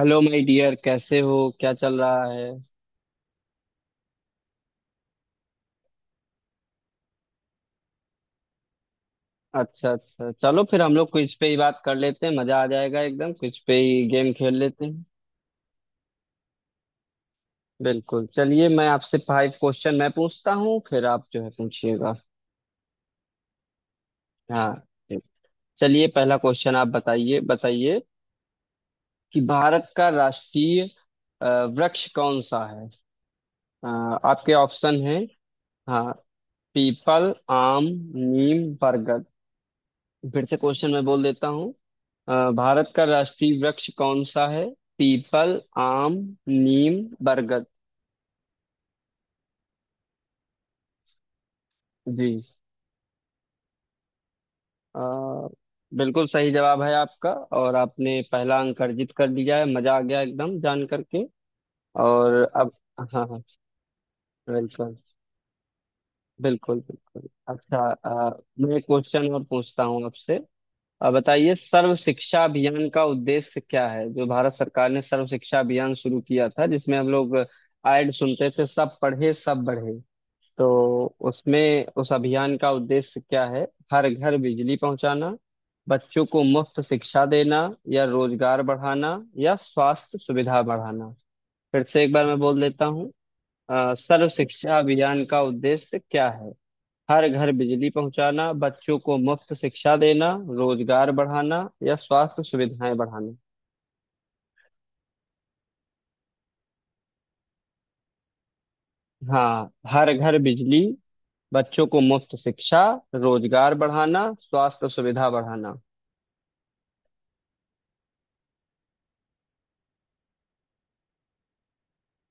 Hello my dear, कैसे हो? क्या चल रहा है? अच्छा अच्छा, चलो फिर हम लोग क्विज पे ही बात कर लेते हैं। मजा आ जाएगा एकदम। क्विज पे ही गेम खेल लेते हैं। बिल्कुल, चलिए मैं आपसे फाइव क्वेश्चन मैं पूछता हूँ, फिर आप जो है पूछिएगा। हाँ, ठीक। चलिए, पहला क्वेश्चन आप बताइए बताइए कि भारत का राष्ट्रीय वृक्ष कौन सा है? अ, आपके ऑप्शन है। हाँ। पीपल, आम, नीम, बरगद। फिर से क्वेश्चन मैं बोल देता हूँ। भारत का राष्ट्रीय वृक्ष कौन सा है? पीपल, आम, नीम, बरगद। जी। अ, बिल्कुल सही जवाब है आपका। और आपने पहला अंक अर्जित कर लिया है। मजा आ गया एकदम जान करके। और अब। हाँ हाँ। बिल्कुल बिल्कुल बिल्कुल। अच्छा, मैं एक क्वेश्चन और पूछता हूँ आपसे। बताइए सर्व शिक्षा अभियान का उद्देश्य क्या है? जो भारत सरकार ने सर्व शिक्षा अभियान शुरू किया था, जिसमें हम लोग ऐड सुनते थे, सब पढ़े सब बढ़े। तो उसमें उस अभियान का उद्देश्य क्या है? हर घर बिजली पहुंचाना, बच्चों को मुफ्त शिक्षा देना, या रोजगार बढ़ाना, या स्वास्थ्य सुविधा बढ़ाना। फिर से एक बार मैं बोल देता हूँ। सर्व शिक्षा अभियान का उद्देश्य क्या है? हर घर बिजली पहुंचाना, बच्चों को मुफ्त शिक्षा देना, रोजगार बढ़ाना, या स्वास्थ्य सुविधाएं बढ़ाना। हाँ, हर घर बिजली, बच्चों को मुफ्त शिक्षा, रोजगार बढ़ाना, स्वास्थ्य सुविधा बढ़ाना।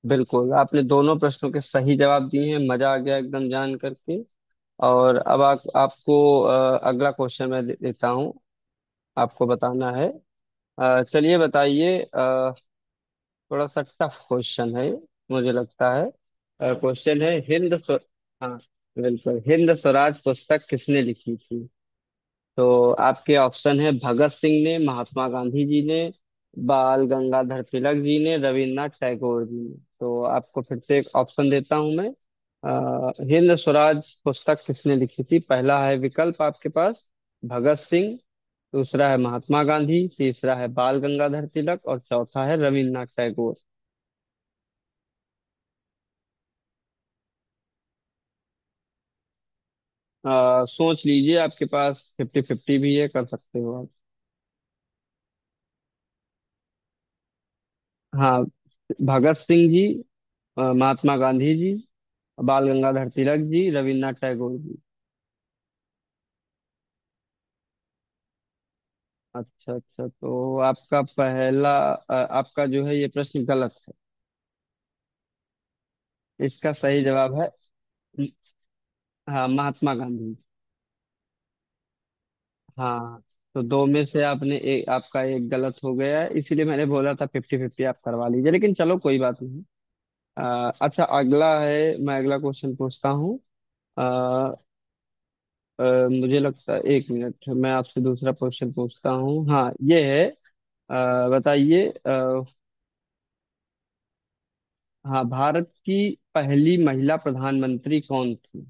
बिल्कुल, आपने दोनों प्रश्नों के सही जवाब दिए हैं। मजा आ गया एकदम जान करके। और अब आप आपको अगला क्वेश्चन मैं देता हूँ। आपको बताना है। चलिए बताइए थोड़ा सा टफ क्वेश्चन है मुझे लगता है। क्वेश्चन है हाँ, बिल्कुल। हिंद स्वराज पुस्तक किसने लिखी थी? तो आपके ऑप्शन है भगत सिंह ने, महात्मा गांधी जी ने, बाल गंगाधर तिलक जी ने, रविन्द्रनाथ टैगोर जी ने। तो आपको फिर से एक ऑप्शन देता हूं मैं। हिंद स्वराज पुस्तक किसने लिखी थी? पहला है विकल्प आपके पास भगत सिंह, दूसरा है महात्मा गांधी, तीसरा है बाल गंगाधर तिलक, और चौथा है रविन्द्रनाथ टैगोर। सोच लीजिए, आपके पास फिफ्टी फिफ्टी भी है, कर सकते हो आप। हाँ, भगत सिंह जी, महात्मा गांधी जी, बाल गंगाधर तिलक जी, रविन्द्रनाथ टैगोर जी। अच्छा अच्छा, तो आपका जो है ये प्रश्न गलत है। इसका सही जवाब है। हाँ, महात्मा गांधी। हाँ। तो दो में से आपने एक आपका एक गलत हो गया है। इसीलिए मैंने बोला था फिफ्टी फिफ्टी आप करवा लीजिए, लेकिन चलो कोई बात नहीं। अच्छा, अगला है। मैं अगला क्वेश्चन पूछता हूँ। अ, अ, मुझे लगता है, एक मिनट, मैं आपसे दूसरा क्वेश्चन पूछता हूँ। हाँ, ये है। अ, बताइए। हाँ, भारत की पहली महिला प्रधानमंत्री कौन थी?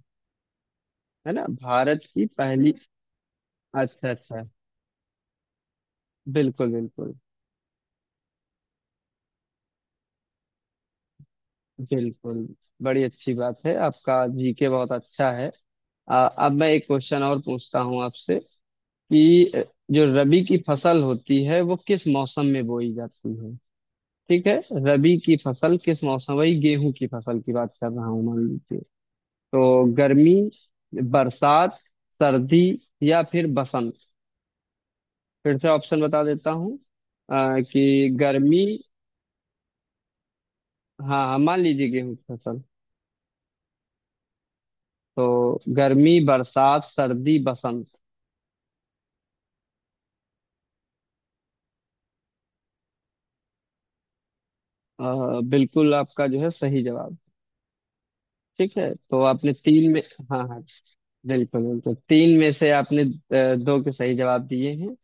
है ना, भारत की पहली। अच्छा अच्छा। बिल्कुल बिल्कुल बिल्कुल। बड़ी अच्छी बात है, आपका जीके बहुत अच्छा है। अब मैं एक क्वेश्चन और पूछता हूँ आपसे कि जो रबी की फसल होती है वो किस मौसम में बोई जाती है? ठीक है, रबी की फसल किस मौसम, वही गेहूं की फसल की बात कर रहा हूँ, मान लीजिए। तो गर्मी, बरसात, सर्दी, या फिर बसंत। फिर से ऑप्शन बता देता हूँ। कि गर्मी। हाँ हाँ, मान लीजिए गेहूं की फसल। तो गर्मी, बरसात, सर्दी, बसंत। बिल्कुल आपका जो है सही जवाब। ठीक है, तो आपने तीन में। हाँ हाँ। बिल्कुल बिल्कुल। तीन में से आपने दो के सही जवाब दिए हैं।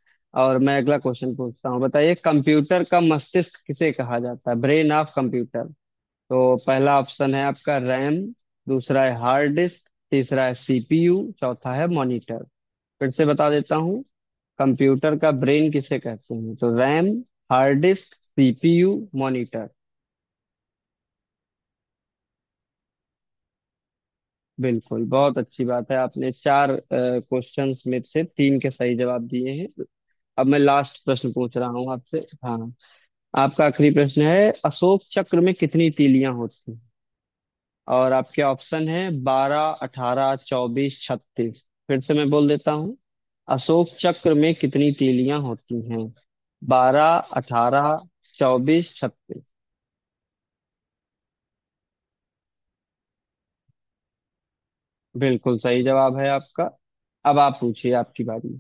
और मैं अगला क्वेश्चन पूछता हूँ। बताइए, कंप्यूटर का मस्तिष्क किसे कहा जाता है? Brain of computer. तो पहला ऑप्शन है आपका रैम, दूसरा है हार्ड डिस्क, तीसरा है सीपीयू, चौथा है मॉनिटर। फिर से बता देता हूँ। कंप्यूटर का ब्रेन किसे कहते हैं? तो RAM, hard disk, CPU, monitor. बिल्कुल, बहुत अच्छी बात है। आपने चार क्वेश्चंस में से तीन के सही जवाब दिए हैं। अब मैं लास्ट प्रश्न पूछ रहा हूँ आपसे। हाँ। आपका आखिरी प्रश्न है, अशोक चक्र में कितनी तीलियां होती हैं? और आपके ऑप्शन है बारह, अठारह, चौबीस, छत्तीस। फिर से मैं बोल देता हूँ। अशोक चक्र में कितनी तीलियां होती हैं? बारह, अठारह, चौबीस, छत्तीस। बिल्कुल सही जवाब है आपका। अब आप पूछिए, आपकी बारी।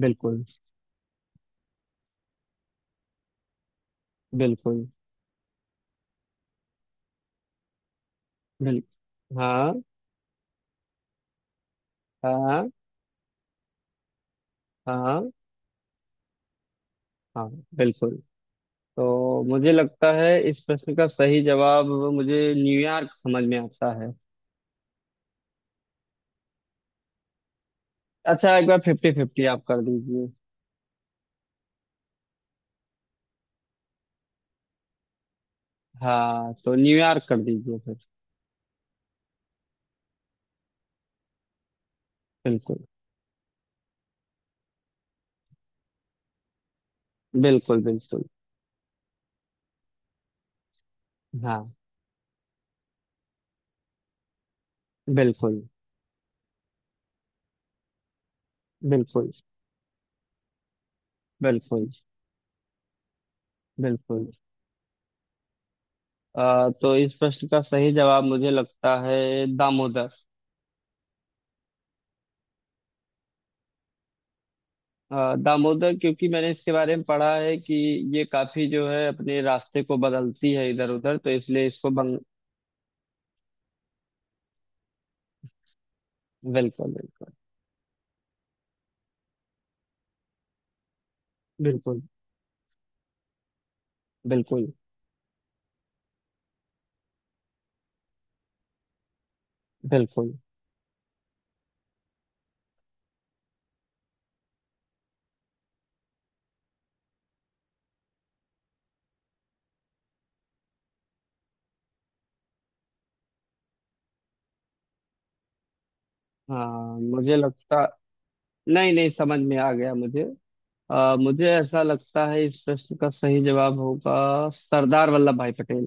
बिल्कुल। बिल्कुल बिल्कुल। हाँ। हाँ। हाँ हाँ। बिल्कुल। तो मुझे लगता है इस प्रश्न का सही जवाब, मुझे न्यूयॉर्क समझ में आता है। अच्छा, एक बार फिफ्टी फिफ्टी आप कर दीजिए। हाँ, तो न्यूयॉर्क कर दीजिए फिर। बिल्कुल। बिल्कुल बिल्कुल। हाँ। बिल्कुल बिल्कुल बिल्कुल। बिल्कुल। तो इस प्रश्न का सही जवाब मुझे लगता है दामोदर, क्योंकि मैंने इसके बारे में पढ़ा है कि ये काफी जो है अपने रास्ते को बदलती है इधर उधर, तो इसलिए इसको बंग। बिल्कुल। बिल्कुल बिल्कुल। बिल्कुल बिल्कुल। हाँ, मुझे लगता नहीं नहीं, समझ में आ गया मुझे। मुझे ऐसा लगता है इस प्रश्न का सही जवाब होगा सरदार वल्लभ भाई पटेल।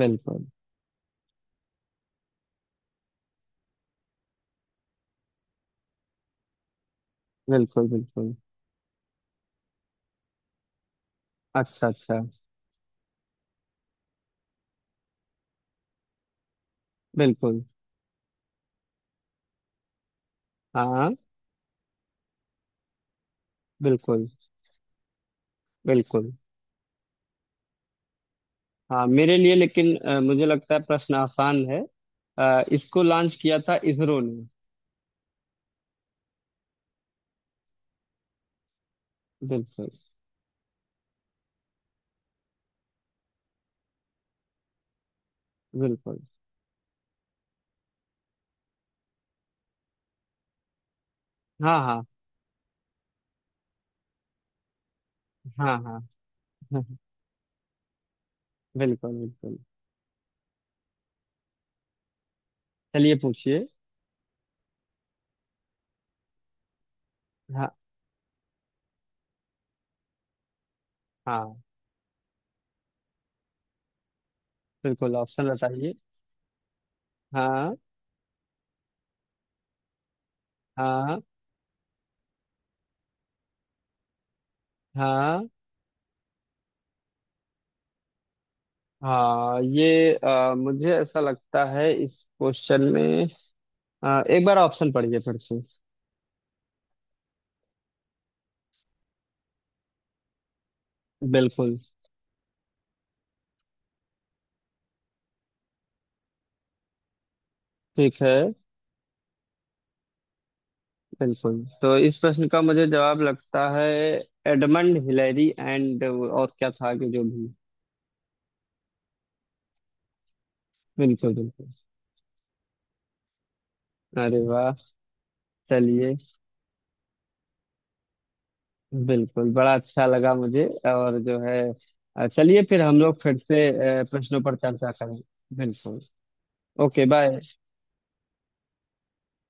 बिल्कुल बिल्कुल बिल्कुल। अच्छा अच्छा। बिल्कुल। हाँ। बिल्कुल बिल्कुल। हाँ, मेरे लिए लेकिन मुझे लगता है प्रश्न आसान है। इसको लॉन्च किया था इसरो ने। बिल्कुल बिल्कुल। हाँ हाँ। हाँ हाँ। हाँ, बिल्कुल बिल्कुल। चलिए पूछिए। हाँ हाँ। बिल्कुल, ऑप्शन बताइए। हाँ। हाँ। हाँ। हाँ, ये मुझे ऐसा लगता है इस क्वेश्चन में, एक बार ऑप्शन पढ़िए फिर से। बिल्कुल। ठीक है। बिल्कुल, तो इस प्रश्न का मुझे जवाब लगता है एडमंड हिलेरी एंड, और क्या था कि जो भी। बिल्कुल बिल्कुल। अरे वाह, चलिए। बिल्कुल, बड़ा अच्छा लगा मुझे। और जो है, चलिए फिर हम लोग फिर से प्रश्नों पर चर्चा करें। बिल्कुल। Okay bye.